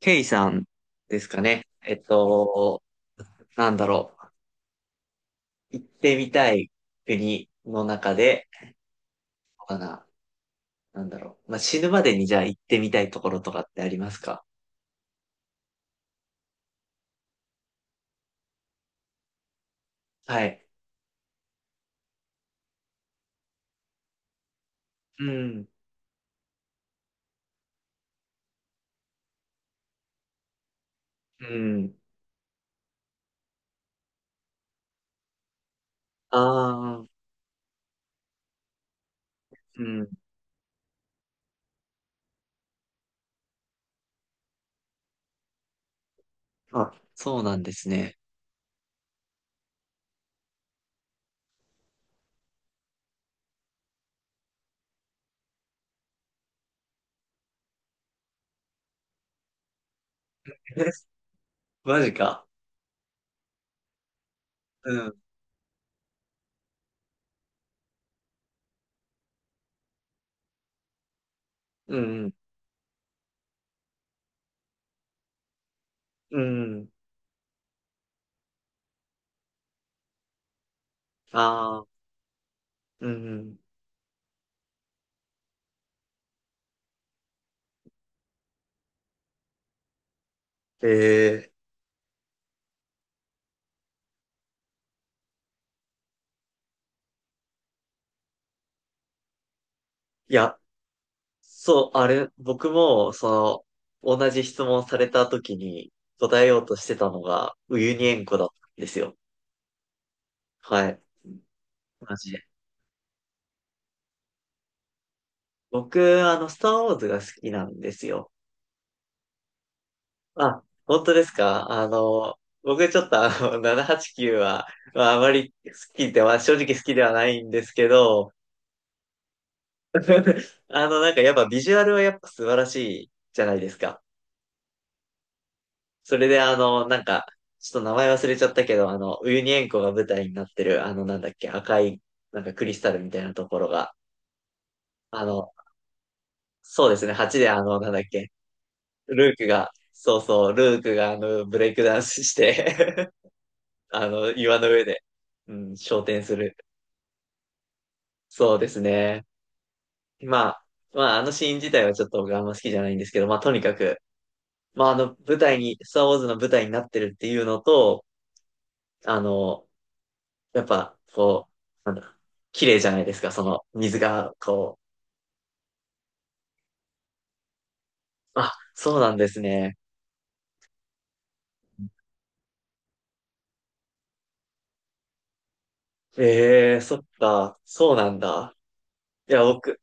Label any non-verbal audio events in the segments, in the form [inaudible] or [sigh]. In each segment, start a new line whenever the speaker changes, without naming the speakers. ケイさんですかね。なんだろう。行ってみたい国の中で、かな。なんだろう。まあ、死ぬまでにじゃあ行ってみたいところとかってありますか？はい。うん。うん。ああ、うん。あ、そうなんですね。[laughs] え、マジか。うん。うん。うん。ああ、うん。ええ、いや、そう、あれ、僕も、その、同じ質問された時に答えようとしてたのが、ウユニ塩湖だったんですよ。はい。マジで。僕、スターウォーズが好きなんですよ。あ、本当ですか？僕ちょっと789はちきゅうは、まあ、あまり好きでは、正直好きではないんですけど、[laughs] なんかやっぱビジュアルはやっぱ素晴らしいじゃないですか。それでなんか、ちょっと名前忘れちゃったけど、ウユニ塩湖が舞台になってる、なんだっけ、赤い、なんかクリスタルみたいなところが、あの、そうですね、8でなんだっけ、ルークが、そうそう、ルークがブレイクダンスして [laughs] 岩の上で、うん、昇天する。そうですね。まあ、まあ、あのシーン自体はちょっと僕あんま好きじゃないんですけど、まあ、とにかく、まあ、舞台に、スターウォーズの舞台になってるっていうのと、あの、やっぱ、こう、なんだ、綺麗じゃないですか、その水が、こう。あ、そうなんですね。ええ、そっか、そうなんだ。いや、僕、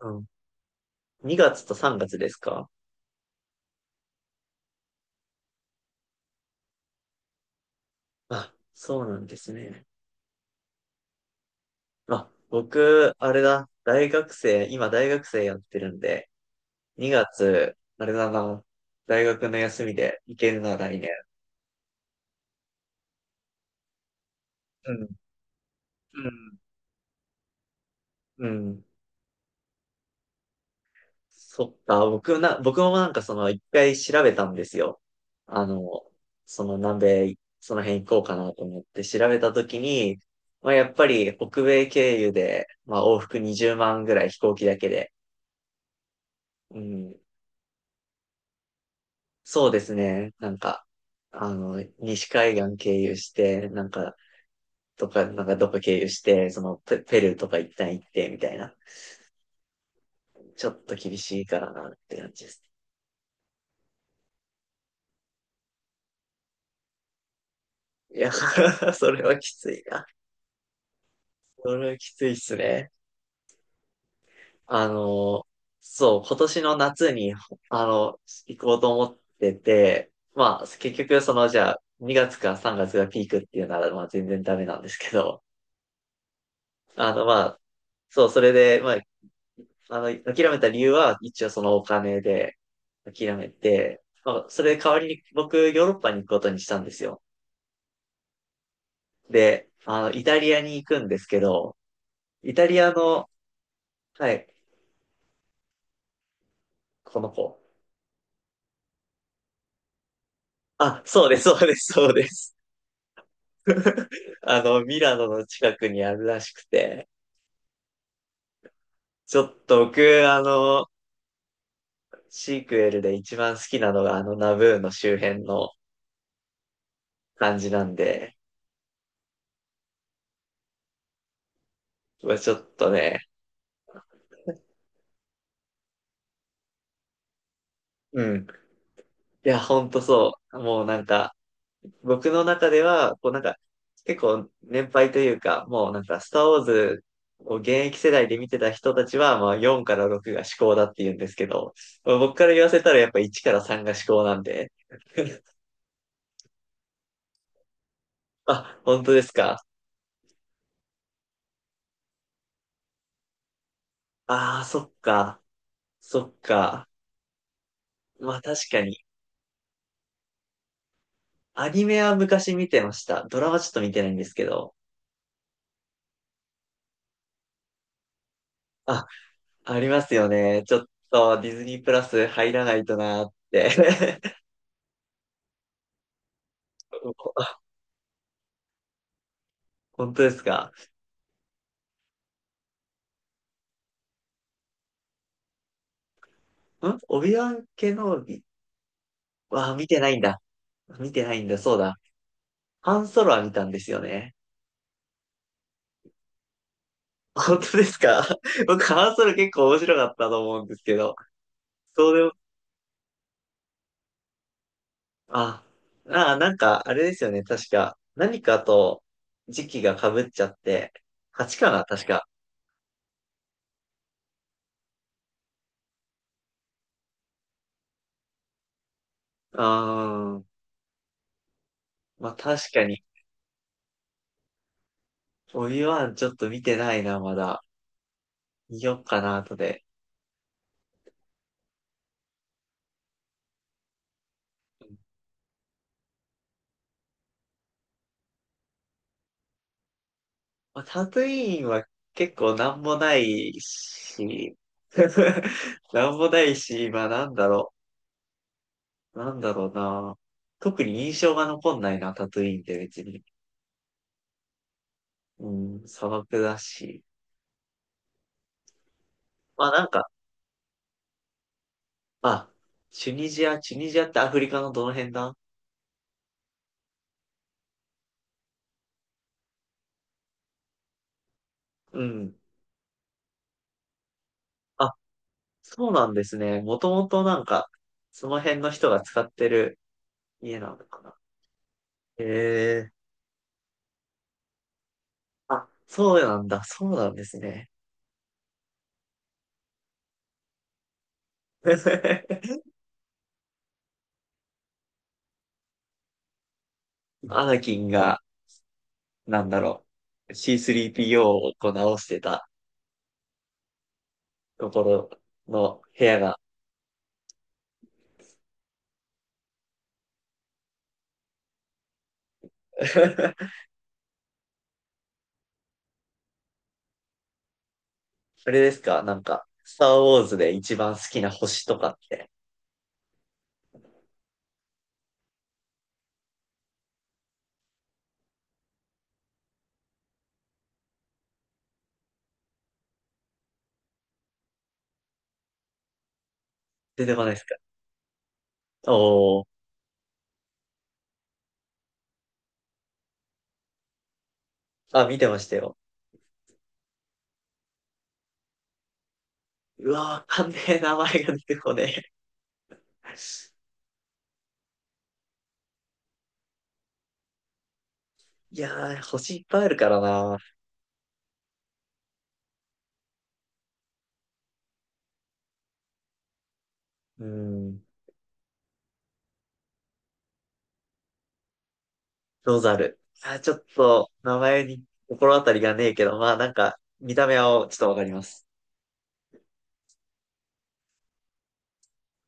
うん、2月と3月ですか？あ、そうなんですね。あ、僕、あれだ、大学生、今大学生やってるんで、2月、あれだな、大学の休みで行けるな、来年。うん、うん、うん。そっか、僕もなんかその一回調べたんですよ。あの、その南米、その辺行こうかなと思って調べたときに、まあやっぱり北米経由で、まあ往復20万ぐらい飛行機だけで、うん、そうですね、なんか、西海岸経由して、なんか、とか、なんかどこ経由して、ペルーとか一旦行って、みたいな。ちょっと厳しいからなって感じです。いや、[laughs] それはきついな。それはきついっすね。あの、そう、今年の夏に、あの、行こうと思ってて、まあ、結局、その、じゃあ、2月か3月がつがピークっていうなら、まあ、全然ダメなんですけど、まあ、そう、それで、まあ、諦めた理由は、一応そのお金で諦めて、まあ、それ代わりに僕、ヨーロッパに行くことにしたんですよ。で、イタリアに行くんですけど、イタリアの、はい、この子。あ、そうです、そうです、そうです。ミラノの近くにあるらしくて、ちょっと僕、あの、シークエルで一番好きなのがあのナブーの周辺の感じなんで、うわちょっとね、うん。いや、ほんとそう。もうなんか、僕の中では、こうなんか、結構年配というか、もうなんか、スターウォーズを現役世代で見てた人たちは、まあ4から6が至高だって言うんですけど、僕から言わせたらやっぱ1から3が至高なんで、[laughs] あ、本当ですか？ああ、そっか。そっか。まあ確かに。アニメは昔見てました。ドラマちょっと見てないんですけど。あ、ありますよね。ちょっとディズニープラス入らないとなーって。[laughs] 本当ですか？んオビワン系のび、わ見てないんだ。見てないんだ、そうだ。ハンソロは見たんですよね。本当ですか？ [laughs] 僕、ハンソロ結構面白かったと思うんですけど、そうあ、ああ、なんか、あれですよね。確か、何かと時期が被っちゃって、8かな、確か。ああまあ確かに、オビワンちょっと見てないな、まだ。見よっかな、後で。まあ、タトゥイーンは結構なんもないし、[laughs] なんもないし、まあなんだろう。なんだろうな。特に印象が残んないな、タトゥイーンって別に。うん、砂漠だし。まあなんか、あ、チュニジアってアフリカのどの辺だ？うん。あ、そうなんですね。もともとなんか、その辺の人が使ってる家なのかな。へえ。あ、そうなんだ。そうなんですね。[laughs] アナキンが、なんだろう、C3PO をこう直してたところの部屋が。[laughs] あれですかなんか、スターウォーズで一番好きな星とかって出てこないですか？おー。あ、見てましたよ。うわ、わかんねえ、名前が出てこねえ。いやー、星いっぱいあるからな。うん、ロザル。あー、ちょっと、名前に心当たりがねえけど、まあなんか、見た目はちょっとわかります。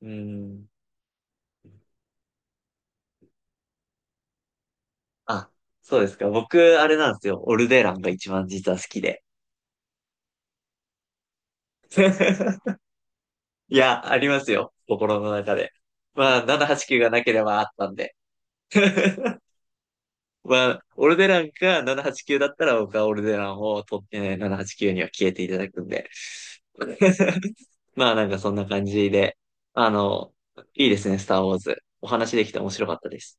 うん。あ、そうですか。僕、あれなんですよ。オルデランが一番実は好きで。[laughs] いや、ありますよ。心の中で。まあ、789がなければあったんで。[laughs] まあ、オルデランか789だったら僕はオルデランを取ってね、789には消えていただくんで。[laughs] まあなんかそんな感じで、あの、いいですね、スターウォーズ。お話できて面白かったです。